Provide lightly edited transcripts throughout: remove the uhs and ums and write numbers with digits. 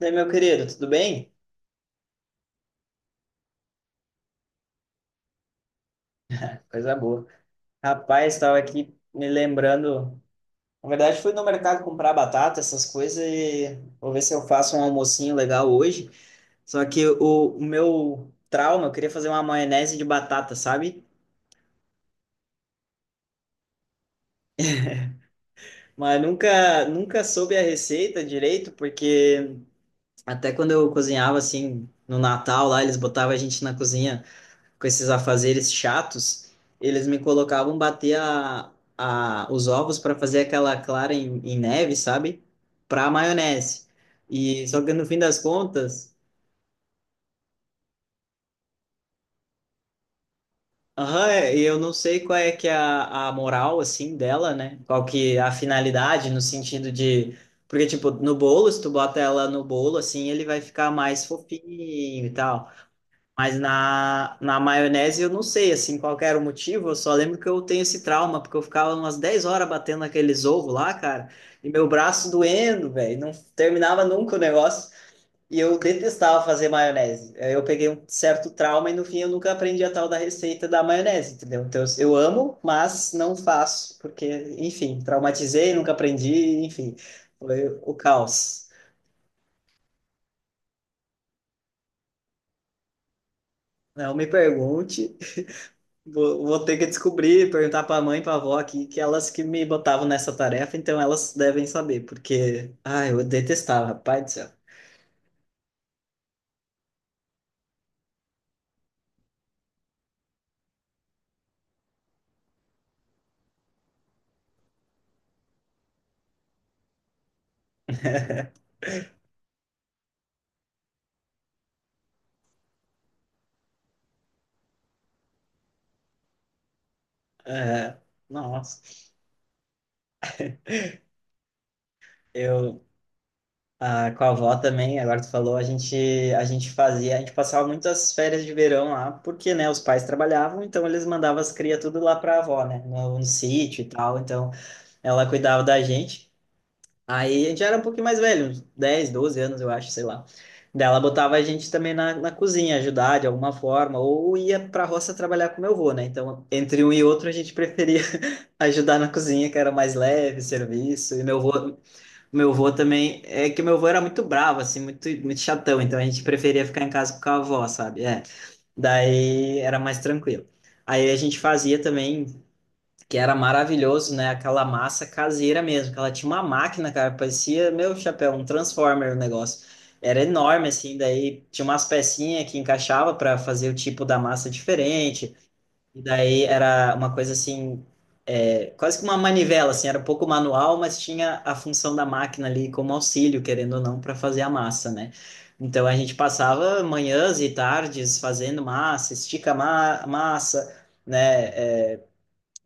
E aí, meu querido, tudo bem? Coisa boa. Rapaz, estava aqui me lembrando. Na verdade, fui no mercado comprar batata, essas coisas, e vou ver se eu faço um almocinho legal hoje. Só que o meu trauma, eu queria fazer uma maionese de batata, sabe? Mas nunca, nunca soube a receita direito, porque até quando eu cozinhava assim no Natal lá, eles botavam a gente na cozinha com esses afazeres chatos. Eles me colocavam bater os ovos para fazer aquela clara em neve, sabe? Para maionese. E só que no fim das contas, aham, é, e eu não sei qual é que é a moral assim dela, né? Qual que é a finalidade no sentido de, porque tipo, no bolo, se tu bota ela no bolo assim, ele vai ficar mais fofinho e tal. Mas na maionese eu não sei, assim, qual que era o motivo. Eu só lembro que eu tenho esse trauma, porque eu ficava umas 10 horas batendo aqueles ovos lá, cara, e meu braço doendo, velho, não terminava nunca o negócio, e eu detestava fazer maionese. Aí eu peguei um certo trauma e no fim eu nunca aprendi a tal da receita da maionese, entendeu? Então eu amo, mas não faço, porque, enfim, traumatizei, nunca aprendi, enfim, foi o caos. Não me pergunte. Vou ter que descobrir, perguntar para a mãe e para a avó aqui, que elas que me botavam nessa tarefa, então elas devem saber, porque, ai, eu detestava, rapaz do céu. É, nossa, eu com a avó também. Agora tu falou, a gente fazia, a gente passava muitas férias de verão lá, porque, né, os pais trabalhavam, então eles mandavam as crias tudo lá para a avó, né, no sítio e tal, então ela cuidava da gente. Aí a gente era um pouquinho mais velho, uns 10, 12 anos, eu acho, sei lá. Daí ela botava a gente também na cozinha, ajudar de alguma forma, ou ia pra roça trabalhar com meu avô, né? Então, entre um e outro, a gente preferia ajudar na cozinha, que era mais leve, serviço. E meu avô também, é que meu avô era muito bravo, assim, muito, muito chatão, então a gente preferia ficar em casa com a avó, sabe? É. Daí era mais tranquilo. Aí a gente fazia também, que era maravilhoso, né? Aquela massa caseira mesmo, que ela tinha uma máquina, cara, parecia, meu chapéu, um Transformer o negócio. Era enorme, assim, daí tinha umas pecinhas que encaixava para fazer o tipo da massa diferente, e daí era uma coisa assim, é, quase que uma manivela, assim, era um pouco manual, mas tinha a função da máquina ali como auxílio, querendo ou não, para fazer a massa, né? Então a gente passava manhãs e tardes fazendo massa, estica ma massa, né?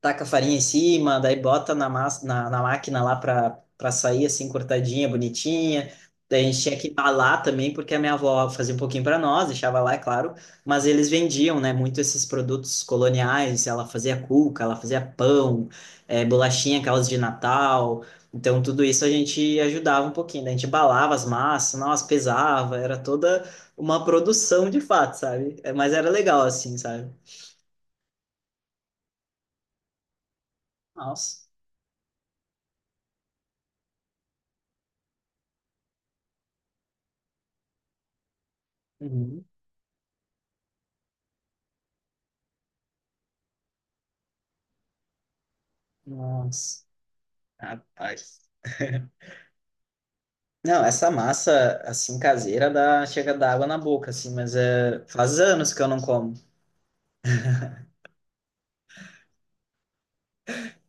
Taca a farinha em cima, daí bota na máquina lá pra sair assim, cortadinha, bonitinha. Daí a gente tinha que embalar também, porque a minha avó fazia um pouquinho pra nós, deixava lá, é claro, mas eles vendiam, né, muito esses produtos coloniais. Ela fazia cuca, ela fazia pão, bolachinha, aquelas de Natal. Então tudo isso a gente ajudava um pouquinho, né? A gente embalava as massas, nós pesava, era toda uma produção de fato, sabe? Mas era legal assim, sabe? Nossa. Uhum. Nossa. Rapaz. Não, essa massa, assim, caseira, dá, chega a dar água na boca, assim, mas é, faz anos que eu não como.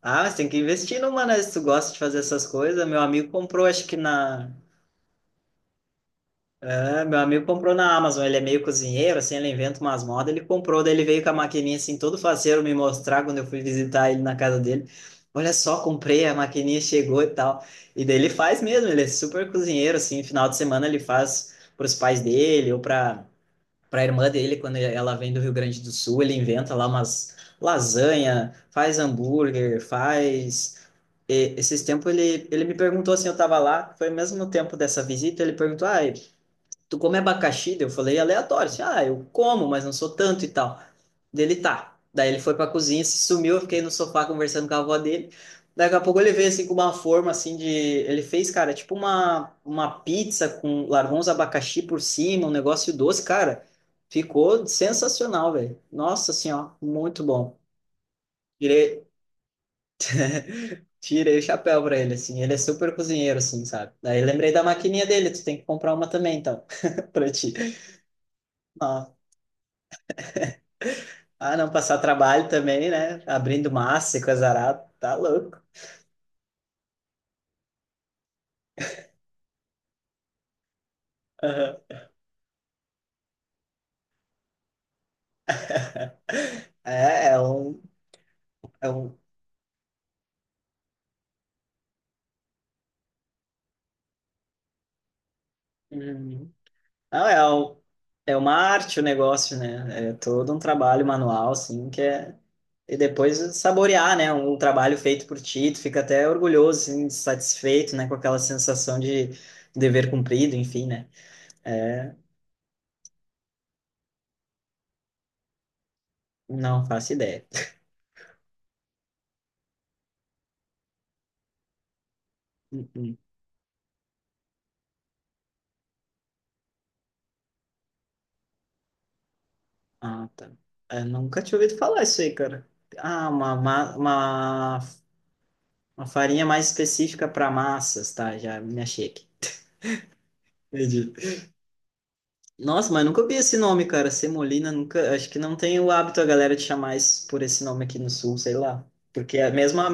Ah, mas tem que investir numa, né? Se tu gosta de fazer essas coisas, meu amigo comprou, acho que na, é, meu amigo comprou na Amazon. Ele é meio cozinheiro, assim, ele inventa umas modas, ele comprou. Daí ele veio com a maquininha, assim, todo faceiro me mostrar quando eu fui visitar ele na casa dele. Olha só, comprei, a maquininha chegou e tal. E daí ele faz mesmo, ele é super cozinheiro, assim. Final de semana ele faz pros pais dele ou pra para a irmã dele, quando ela vem do Rio Grande do Sul. Ele inventa lá umas lasanha, faz hambúrguer, faz. E, esses tempos ele me perguntou assim, eu tava lá, foi mesmo no tempo dessa visita, ele perguntou, ah, tu come abacaxi? Daí eu falei aleatório, assim, ah, eu como, mas não sou tanto e tal. Dele tá. Daí ele foi pra cozinha, se sumiu, eu fiquei no sofá conversando com a avó dele. Daqui a pouco ele veio assim com uma forma assim de. Ele fez, cara, tipo uma pizza com. Largou uns abacaxi por cima, um negócio doce, cara. Ficou sensacional, velho. Nossa senhora, muito bom. Tirei, tirei o chapéu pra ele, assim. Ele é super cozinheiro, assim, sabe? Daí lembrei da maquininha dele, tu tem que comprar uma também, então, pra ti. Ah, Ah, não passar trabalho também, né? Abrindo massa e coisa arada, tá louco. Aham. É, é um, é um. Uhum. Não, é um, é uma arte o negócio, né? É todo um trabalho manual, assim, que é, e depois saborear, né? Um trabalho feito por ti, tu fica até orgulhoso, assim, satisfeito, né? Com aquela sensação de dever cumprido, enfim, né? É, não faço ideia. Ah, tá. Eu nunca tinha ouvido falar isso aí, cara. Ah, uma farinha mais específica para massas, tá? Já me achei aqui. Entendi. Nossa, mas nunca ouvi esse nome, cara. Semolina, nunca. Acho que não tem o hábito a galera de chamar isso por esse nome aqui no sul, sei lá. Porque é mesmo a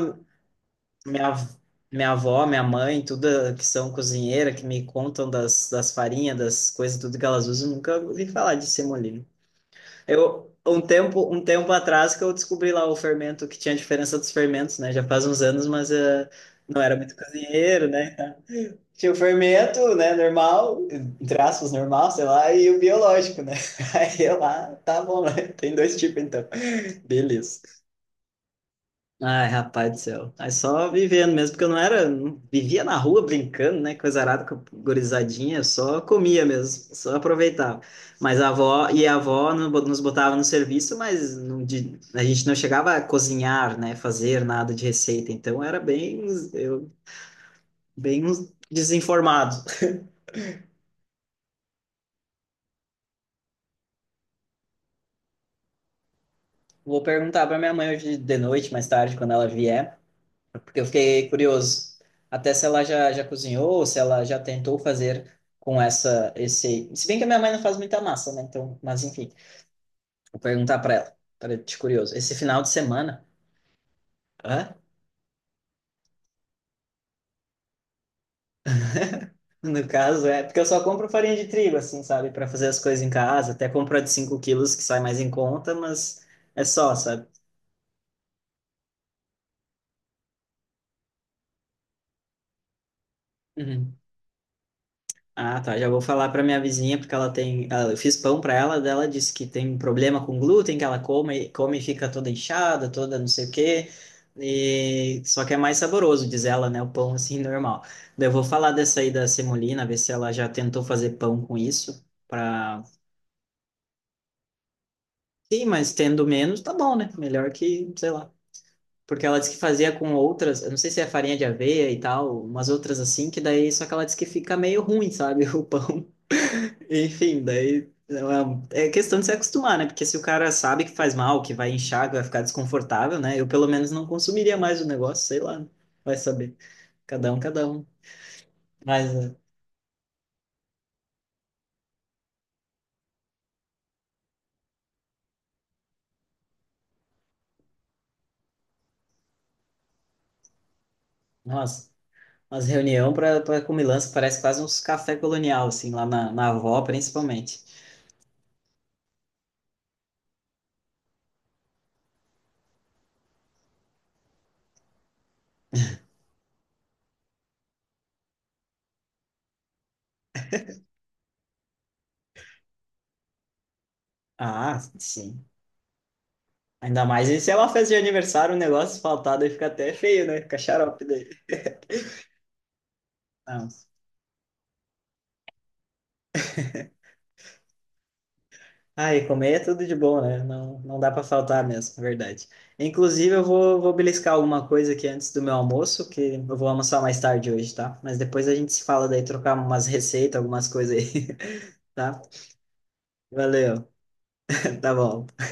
minha, av- minha avó, minha mãe, tudo que são cozinheira, que me contam das, das farinhas, das coisas, tudo que elas usam, nunca ouvi falar de semolina. Eu, um tempo atrás que eu descobri lá o fermento, que tinha a diferença dos fermentos, né? Já faz uns anos, mas não era muito cozinheiro, né? Tinha o fermento, né, normal, entre aspas, normal, sei lá, e o biológico, né? Aí eu lá, tá bom, né? Tem dois tipos então. Beleza. Ai, rapaz do céu. Aí só vivendo mesmo, porque eu não era, não, vivia na rua brincando, né? Coisa arada, com a gurizadinha, eu só comia mesmo, só aproveitava. Mas a avó, e a avó nos botava no serviço, mas não, a gente não chegava a cozinhar, né? Fazer nada de receita, então era bem, eu, bem desinformado. Vou perguntar para minha mãe hoje de noite, mais tarde, quando ela vier. Porque eu fiquei curioso, até se ela já cozinhou, se ela já tentou fazer com essa, esse. Se bem que a minha mãe não faz muita massa, né? Então, mas enfim, vou perguntar para ela, para te curioso. Esse final de semana, hã? No caso, é porque eu só compro farinha de trigo, assim, sabe? Para fazer as coisas em casa, até compro a de 5 quilos, que sai mais em conta, mas é só, sabe? Uhum. Ah, tá. Já vou falar pra minha vizinha, porque ela tem. Eu fiz pão pra ela, dela disse que tem problema com glúten, que ela come, come e fica toda inchada, toda não sei o quê. E, só que é mais saboroso, diz ela, né? O pão assim, normal. Daí eu vou falar dessa aí da semolina, ver se ela já tentou fazer pão com isso. Pra. Sim, mas tendo menos, tá bom, né? Melhor que, sei lá. Porque ela disse que fazia com outras, eu não sei se é farinha de aveia e tal, umas outras assim, que daí só que ela disse que fica meio ruim, sabe? O pão. Enfim, daí é é questão de se acostumar, né? Porque se o cara sabe que faz mal, que vai inchar, que vai ficar desconfortável, né? Eu pelo menos não consumiria mais o negócio, sei lá. Vai saber. Cada um, cada um. Mas, é, nossa, mas reunião para comilança parece quase uns café colonial, assim, lá na avó, principalmente. Ah, sim. Ainda mais e se é uma festa de aniversário, o negócio faltado aí fica até feio, né? Fica xarope daí. Não. Ah, e comer é tudo de bom, né? Não, não dá para faltar mesmo, é verdade. Inclusive, eu vou beliscar alguma coisa aqui antes do meu almoço, que eu vou almoçar mais tarde hoje, tá? Mas depois a gente se fala daí, trocar umas receitas, algumas coisas aí, tá? Valeu, tá bom.